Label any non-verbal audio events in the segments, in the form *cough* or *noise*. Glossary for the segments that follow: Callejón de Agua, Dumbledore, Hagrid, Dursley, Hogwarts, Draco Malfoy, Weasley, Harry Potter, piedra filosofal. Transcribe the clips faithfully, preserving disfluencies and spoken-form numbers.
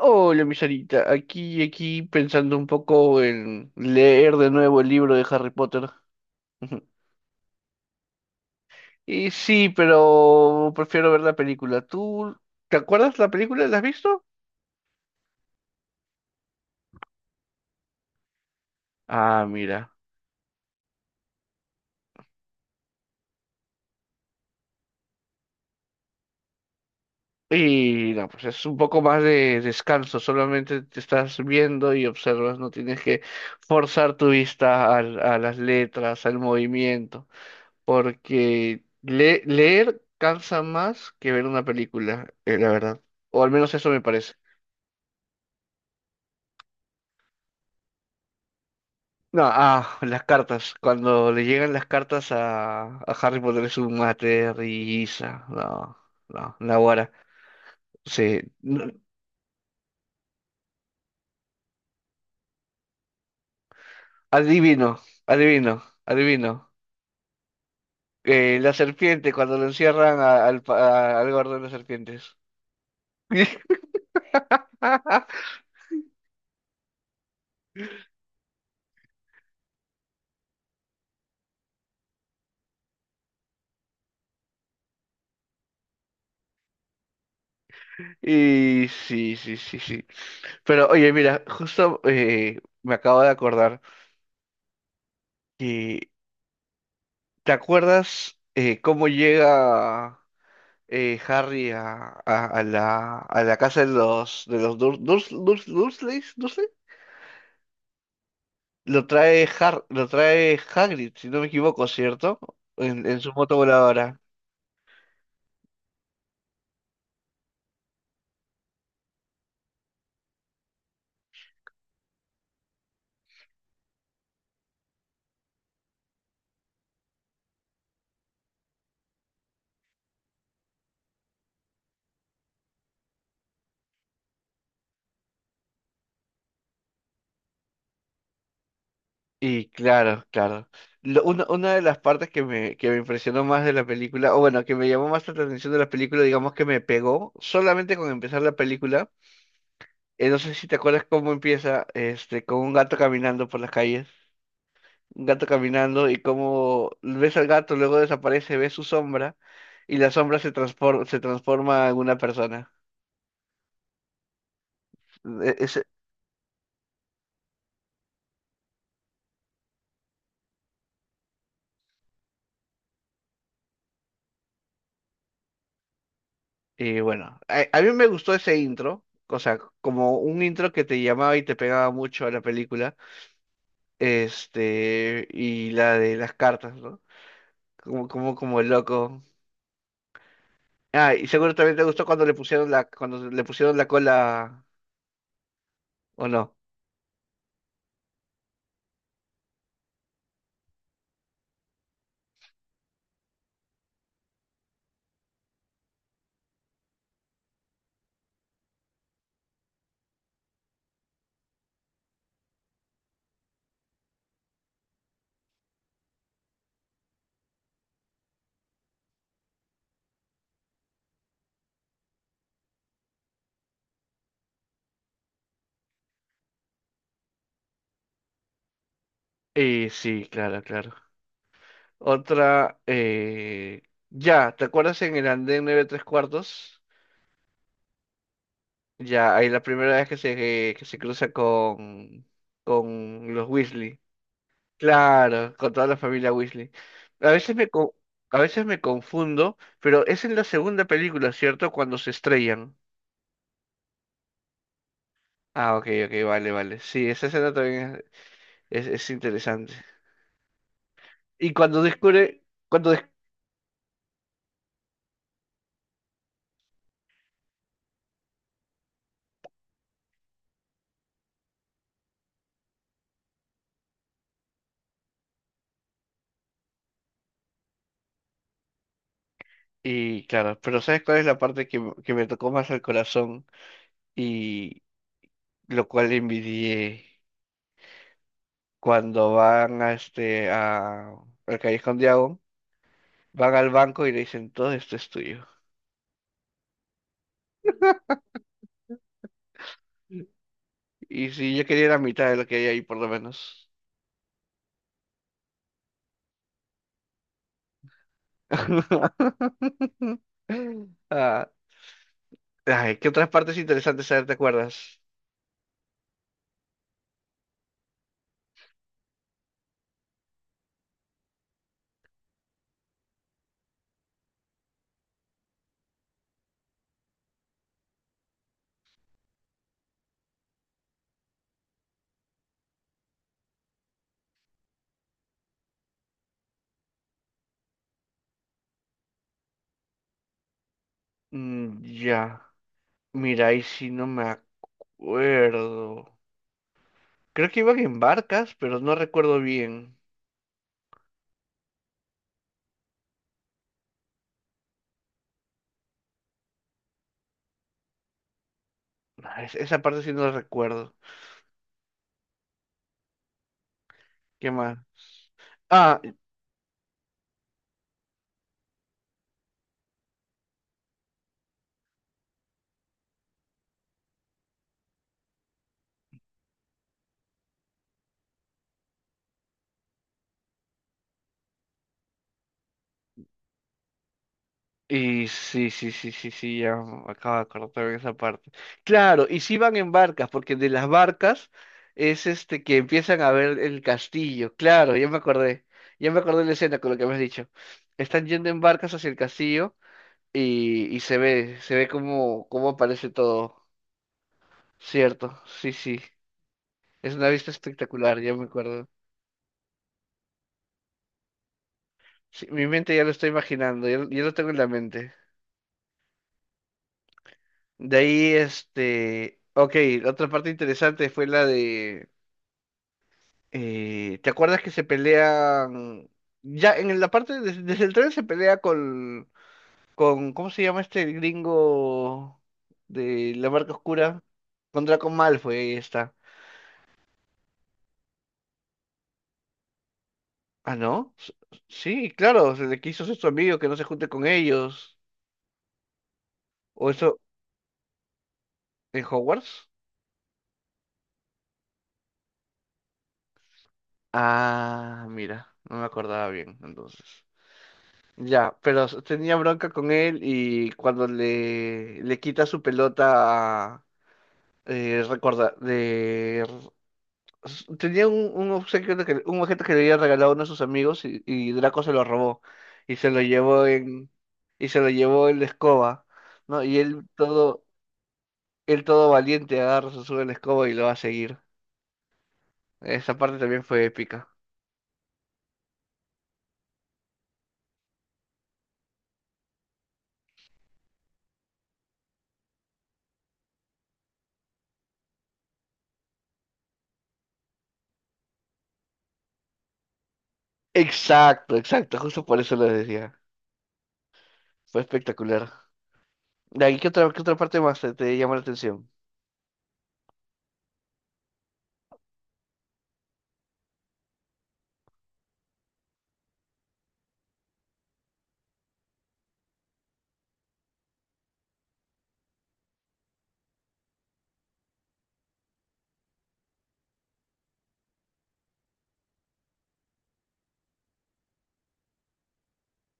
Hola, mi Sarita. Aquí, aquí pensando un poco en leer de nuevo el libro de Harry Potter. *laughs* Y sí, pero prefiero ver la película. ¿Tú te acuerdas la película? ¿La has visto? Ah, mira. Y no, pues es un poco más de descanso. Solamente te estás viendo y observas. No tienes que forzar tu vista al- a, las letras, al movimiento. Porque le- leer cansa más que ver una película, eh, la verdad. O al menos eso me parece. No, ah, las cartas. Cuando le llegan las cartas a, a Harry Potter es un mate, risa. No, no, Naguará. Sí. No, adivino, adivino, adivino. Eh, la serpiente, cuando lo encierran a- al, pa- a- al gordo de las serpientes. *laughs* Y sí, sí, sí, sí. Pero oye, mira, justo eh, me acabo de acordar que, ¿te acuerdas eh, cómo llega? eh, Harry a, a- a la, a la casa de los de los Dur- Durs- Durs- Dursleys, Dursley. Lo trae Har- lo trae Hagrid, si no me equivoco, ¿cierto? En, en su moto voladora. Y claro, claro. Lo- una, una de las partes que me, que me impresionó más de la película, o bueno, que me llamó más la atención de la película, digamos que me pegó, solamente con empezar la película, eh, no sé si te acuerdas cómo empieza, este, con un gato caminando por las calles. Un gato caminando y como ves al gato, luego desaparece, ves su sombra y la sombra se transforma, se transforma en una persona. E- ese- y bueno, a, a mí me gustó ese intro, o sea, como un intro que te llamaba y te pegaba mucho a la película, este, y la de las cartas, ¿no? Como, como, como el loco. Ah, y seguro también te gustó cuando le pusieron la, cuando le pusieron la cola, ¿o no? Y sí, claro, claro. Otra, eh, ya, ¿te acuerdas en el andén nueve tres cuartos? Ya, ahí la primera vez que se, que se cruza con, con los Weasley. Claro, con toda la familia Weasley. A veces me, co- a veces me confundo, pero es en la segunda película, ¿cierto? Cuando se estrellan. Ah, ok, ok, vale, vale. Sí, esa escena también es, es, es interesante. Y cuando descubre, cuando des- Y claro, pero ¿sabes cuál es la parte que, m- que me tocó más al corazón? Lo cual envidié cuando van a este a al Callejón de Agua, van al banco y le dicen todo esto es tuyo. Y si yo quería la mitad de lo que hay ahí, por lo menos. *laughs* Ah, ay, ¿qué otras partes interesantes a te acuerdas? Mm, ya, mira, ahí sí no me acuerdo. Creo que iban en barcas, pero no recuerdo bien. Ah, es- esa parte sí no la recuerdo. ¿Qué más? Ah, y sí, sí, sí, sí, sí, ya me acabo de acordar de esa parte. Claro, y sí van en barcas, porque de las barcas es este que empiezan a ver el castillo. Claro, ya me acordé. Ya me acordé de la escena con lo que me has dicho. Están yendo en barcas hacia el castillo y, y se ve, se ve cómo, cómo aparece todo. Cierto, sí, sí. Es una vista espectacular, ya me acuerdo. Sí, mi mente ya lo estoy imaginando, ya, lo- ya lo tengo en la mente. De ahí, este, ok, la otra parte interesante fue la de Eh, ¿te acuerdas que se pelean? Ya en la parte, des- desde, el tren se pelea con, con, ¿cómo se llama este el gringo de la marca oscura? Con Draco Malfoy, ahí está. Ah, ¿no? S- sí, claro, se le quiso ser su amigo que no se junte con ellos. ¿O eso en Hogwarts? Ah, mira, no me acordaba bien, entonces. Ya, pero s- tenía bronca con él y cuando le, le quita su pelota eh, recuerda, de... Tenía un, un obsequio de que, un objeto que le había regalado uno de sus amigos y, y Draco se lo robó y se lo llevó en y se lo llevó en la escoba, ¿no? Y él todo él todo valiente agarra, se sube a la escoba y lo va a seguir. Esa parte también fue épica. Exacto, exacto, justo por eso lo decía. Fue espectacular. ¿Y qué otra qué otra parte más te, te llamó la atención?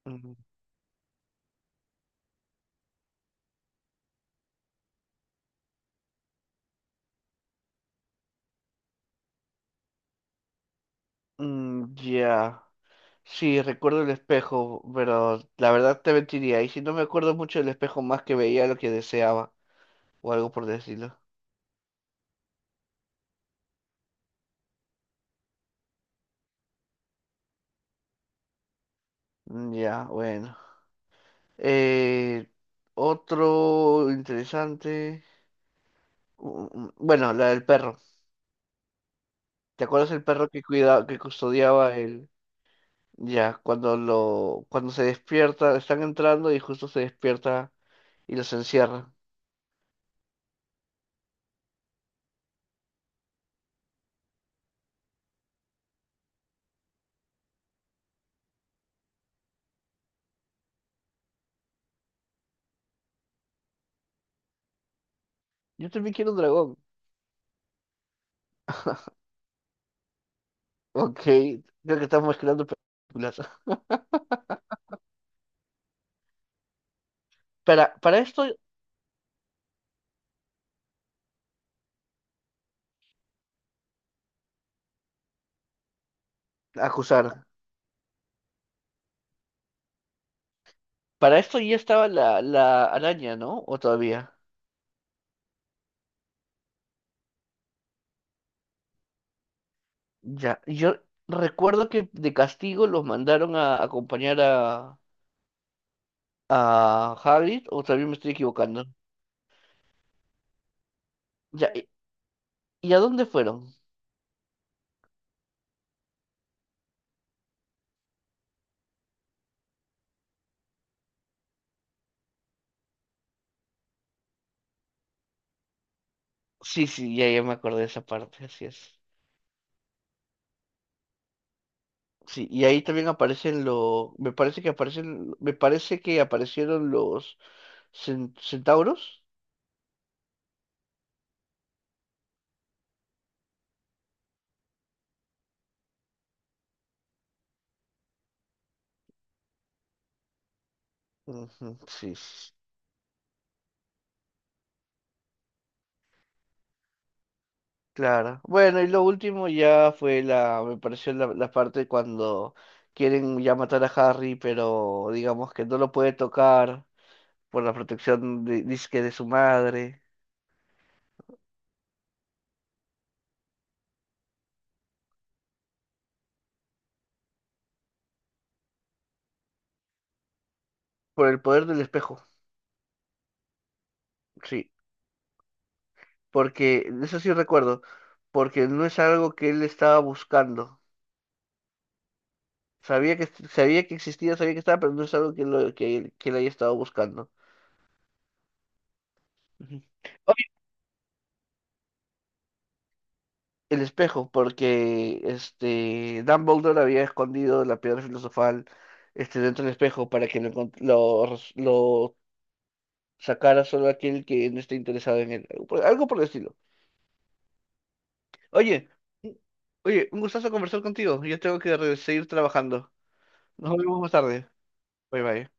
Mm, mm, ya. Sí, recuerdo el espejo, pero la verdad te mentiría. Y si no me acuerdo mucho del espejo, más que veía lo que deseaba o algo por decirlo. Mm, ya, bueno. Eh, otro interesante. Mm, mm, Bueno, la del perro. ¿Te acuerdas del perro que cuidaba, que custodiaba el... Ya, cuando lo, cuando se despierta, están entrando y justo se despierta y los encierra. Yo también quiero un dragón. *laughs* Ok, creo que estamos mezclando películas. *laughs* Para, para esto, acusar. Para esto ya estaba la, la araña, ¿no? ¿O todavía? Ya, yo recuerdo que de castigo los mandaron a acompañar a, a Hagrid, o también me estoy equivocando. Ya, ¿y, ¿y a dónde fueron? Sí, sí, ya, ya me acordé de esa parte, así es. Sí, y ahí también aparecen los, me parece que aparecen, me parece que aparecieron los cen- centauros. Ujú, sí, sí, claro. Bueno, y lo último ya fue la, me pareció la, la parte cuando quieren ya matar a Harry, pero digamos que no lo puede tocar por la protección de, dizque de su madre, por el poder del espejo, sí, porque eso sí recuerdo, porque no es algo que él estaba buscando. Sabía que, sabía que existía, sabía que estaba, pero no es algo que, lo, que, que le haya estado buscando. Ujú. Obvio, el espejo, porque este, Dumbledore había escondido la piedra filosofal este, dentro del espejo para que lo, encont- lo, res- lo sacara solo aquel que no esté interesado en él. Algo por, algo por el estilo. Oye, un- oye, un gustazo conversar contigo. Yo tengo que re- seguir trabajando. Nos vemos más tarde. Bye bye.